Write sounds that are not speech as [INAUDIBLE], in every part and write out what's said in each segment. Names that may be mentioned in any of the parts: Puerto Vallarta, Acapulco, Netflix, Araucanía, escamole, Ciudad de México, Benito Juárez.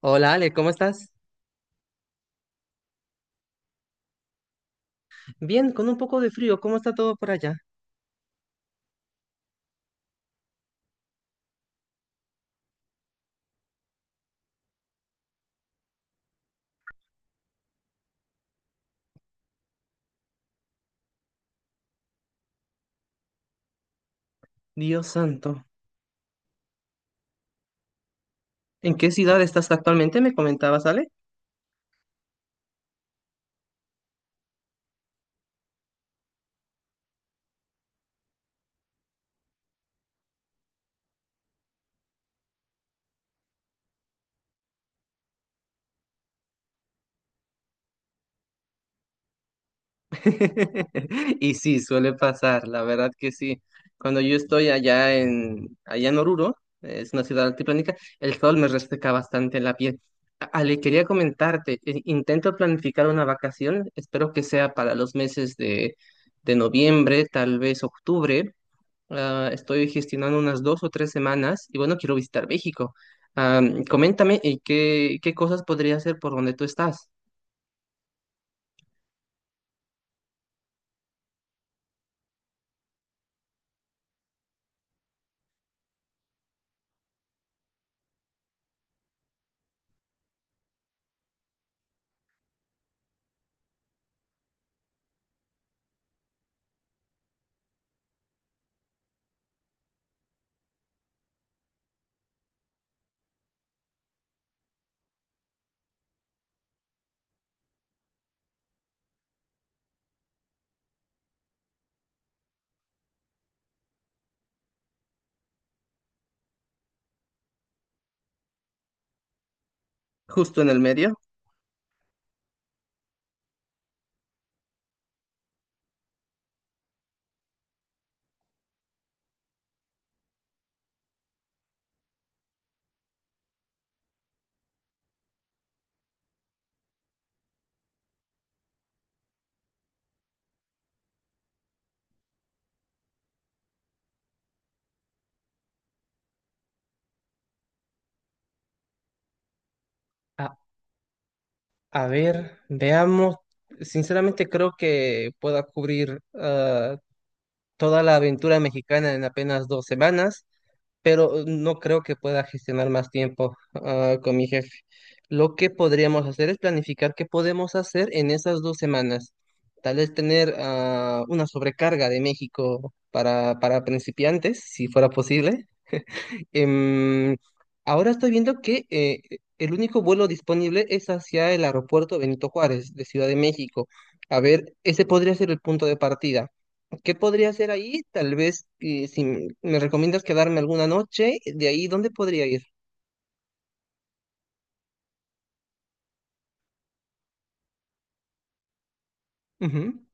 Hola Ale, ¿cómo estás? Bien, con un poco de frío, ¿cómo está todo por allá? Dios santo. ¿En qué ciudad estás actualmente? Me comentabas, Ale. [LAUGHS] Y sí, suele pasar, la verdad que sí. Cuando yo estoy allá en, allá en Oruro, es una ciudad altiplánica, el sol me reseca bastante la piel. Ale, quería comentarte, intento planificar una vacación, espero que sea para los meses de noviembre, tal vez octubre. Estoy gestionando unas dos o tres semanas y bueno, quiero visitar México. Ah, coméntame, ¿y qué cosas podría hacer por donde tú estás? Justo en el medio. A, a ver, veamos. Sinceramente creo que pueda cubrir toda la aventura mexicana en apenas dos semanas. Pero no creo que pueda gestionar más tiempo con mi jefe. Lo que podríamos hacer es planificar qué podemos hacer en esas dos semanas. Tal vez tener una sobrecarga de México para principiantes, si fuera posible. Em, ahora estoy viendo que el único vuelo disponible es hacia el aeropuerto Benito Juárez de Ciudad de México. A ver, ese podría ser el punto de partida. ¿Qué podría hacer ahí? Tal vez eh, si me recomiendas quedarme alguna noche, de ahí, ¿dónde podría ir? Ujú.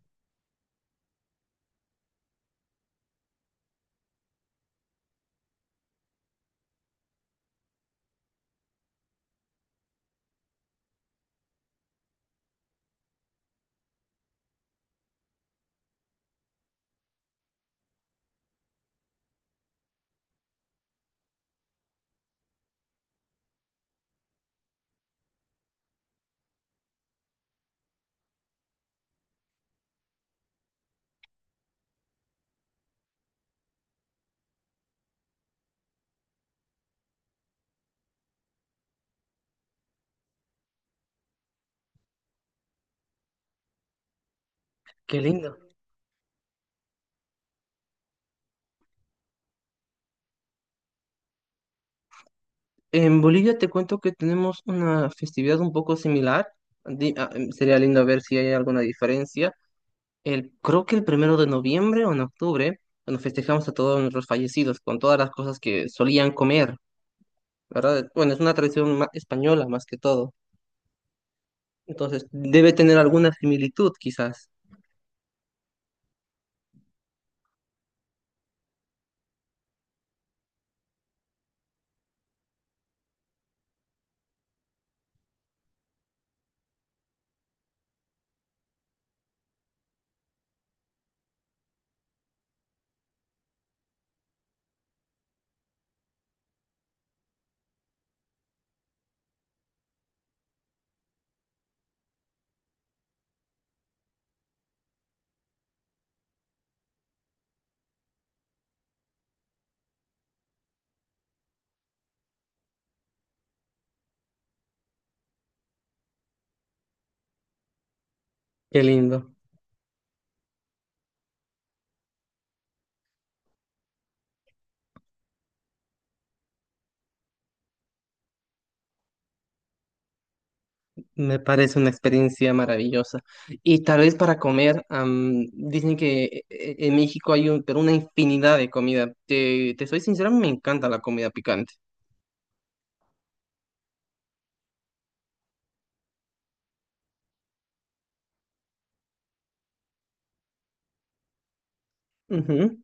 Qué lindo. En Bolivia te cuento que tenemos una festividad un poco similar. Sería lindo ver si hay alguna diferencia. El, creo que el primero de noviembre o en octubre, bueno, festejamos a todos nuestros fallecidos con todas las cosas que solían comer, ¿verdad? Bueno, es una tradición española más que todo. Entonces, debe tener alguna similitud, quizás. Qué lindo. Me parece una experiencia maravillosa. Y tal vez para comer, dicen que en México hay un, pero una infinidad de comida. Te soy sincero, me encanta la comida picante. Ujú.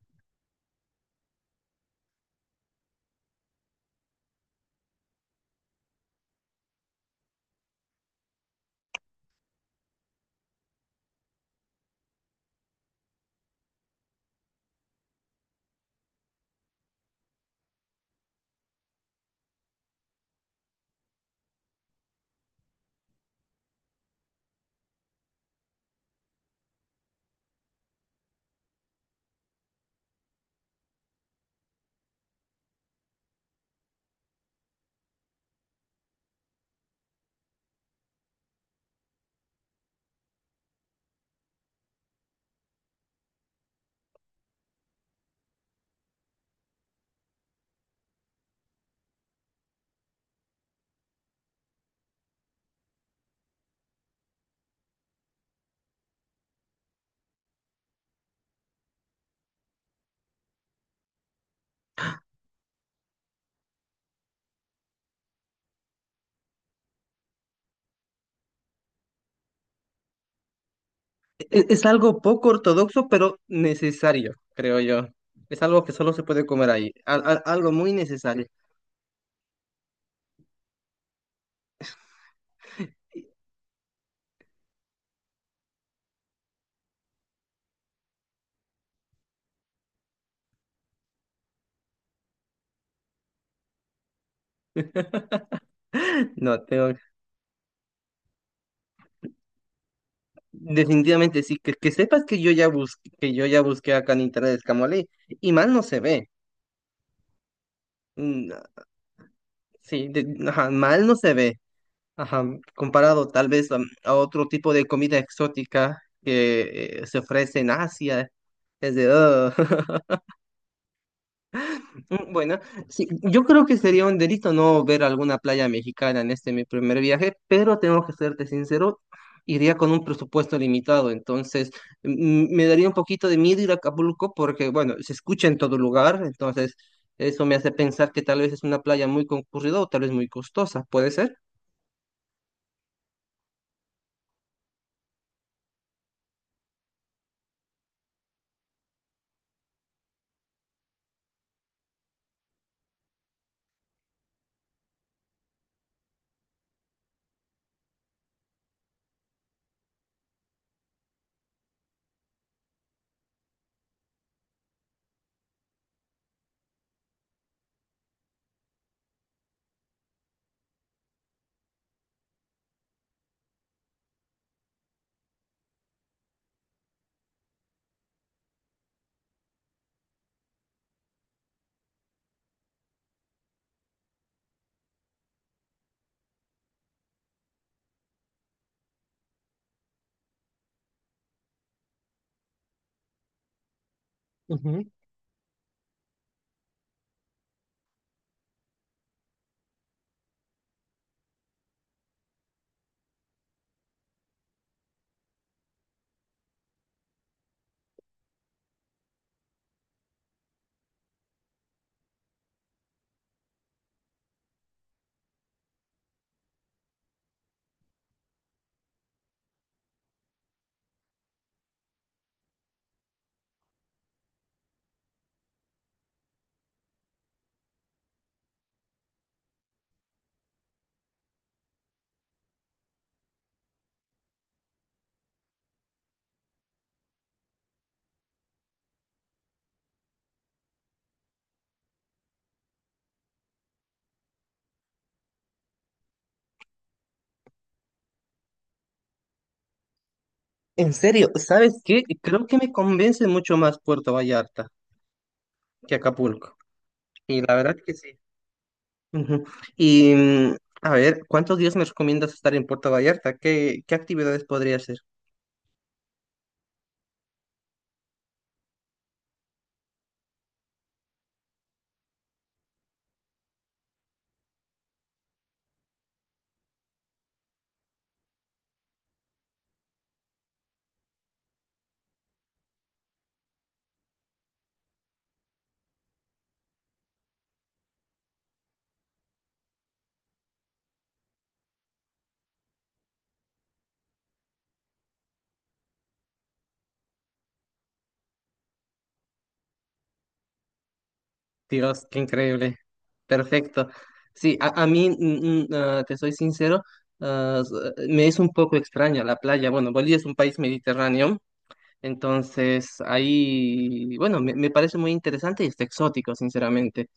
Es algo poco ortodoxo, pero necesario, creo yo. Es algo que solo se puede comer ahí. Algo muy necesario. [LAUGHS] No, tengo... Definitivamente sí. Que sepas que yo ya busqué, que yo ya busqué acá en internet escamole. Y mal no se ve. Mm, sí, ajá, mal no se ve. Ajá, comparado tal vez a otro tipo de comida exótica que se ofrece en Asia. Es de... "Ugh". [LAUGHS] Mm, bueno, sí, yo creo que sería un delito no ver alguna playa mexicana en este mi primer viaje, pero tengo que serte sincero, iría con un presupuesto limitado, entonces me daría un poquito de miedo ir a Acapulco porque, bueno, se escucha en todo lugar, entonces eso me hace pensar que tal vez es una playa muy concurrida o tal vez muy costosa, ¿puede ser? Ujú. En serio, ¿sabes qué? Creo que me convence mucho más Puerto Vallarta que Acapulco. Y la verdad que sí. Ujú. Y a ver, ¿cuántos días me recomiendas estar en Puerto Vallarta? Qué actividades podría hacer? Dios, qué increíble. Perfecto. Sí, a mí, te soy sincero, ah, s- me es un poco extraña la playa. Bueno, Bolivia es un país mediterráneo, entonces ahí, bueno, me parece muy interesante y está exótico, sinceramente.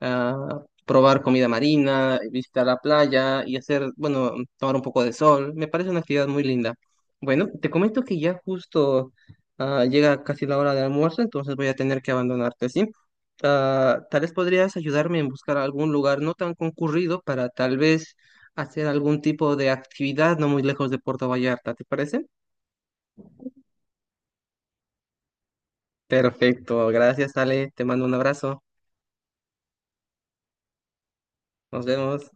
Probar comida marina, visitar la playa y hacer, bueno, tomar un poco de sol. Me parece una actividad muy linda. Bueno, te comento que ya justo llega casi la hora de almuerzo, entonces voy a tener que abandonarte, ¿sí? Ah, tal vez podrías ayudarme en buscar algún lugar no tan concurrido para tal vez hacer algún tipo de actividad no muy lejos de Puerto Vallarta, ¿te parece? Perfecto, gracias Ale, te mando un abrazo, nos vemos.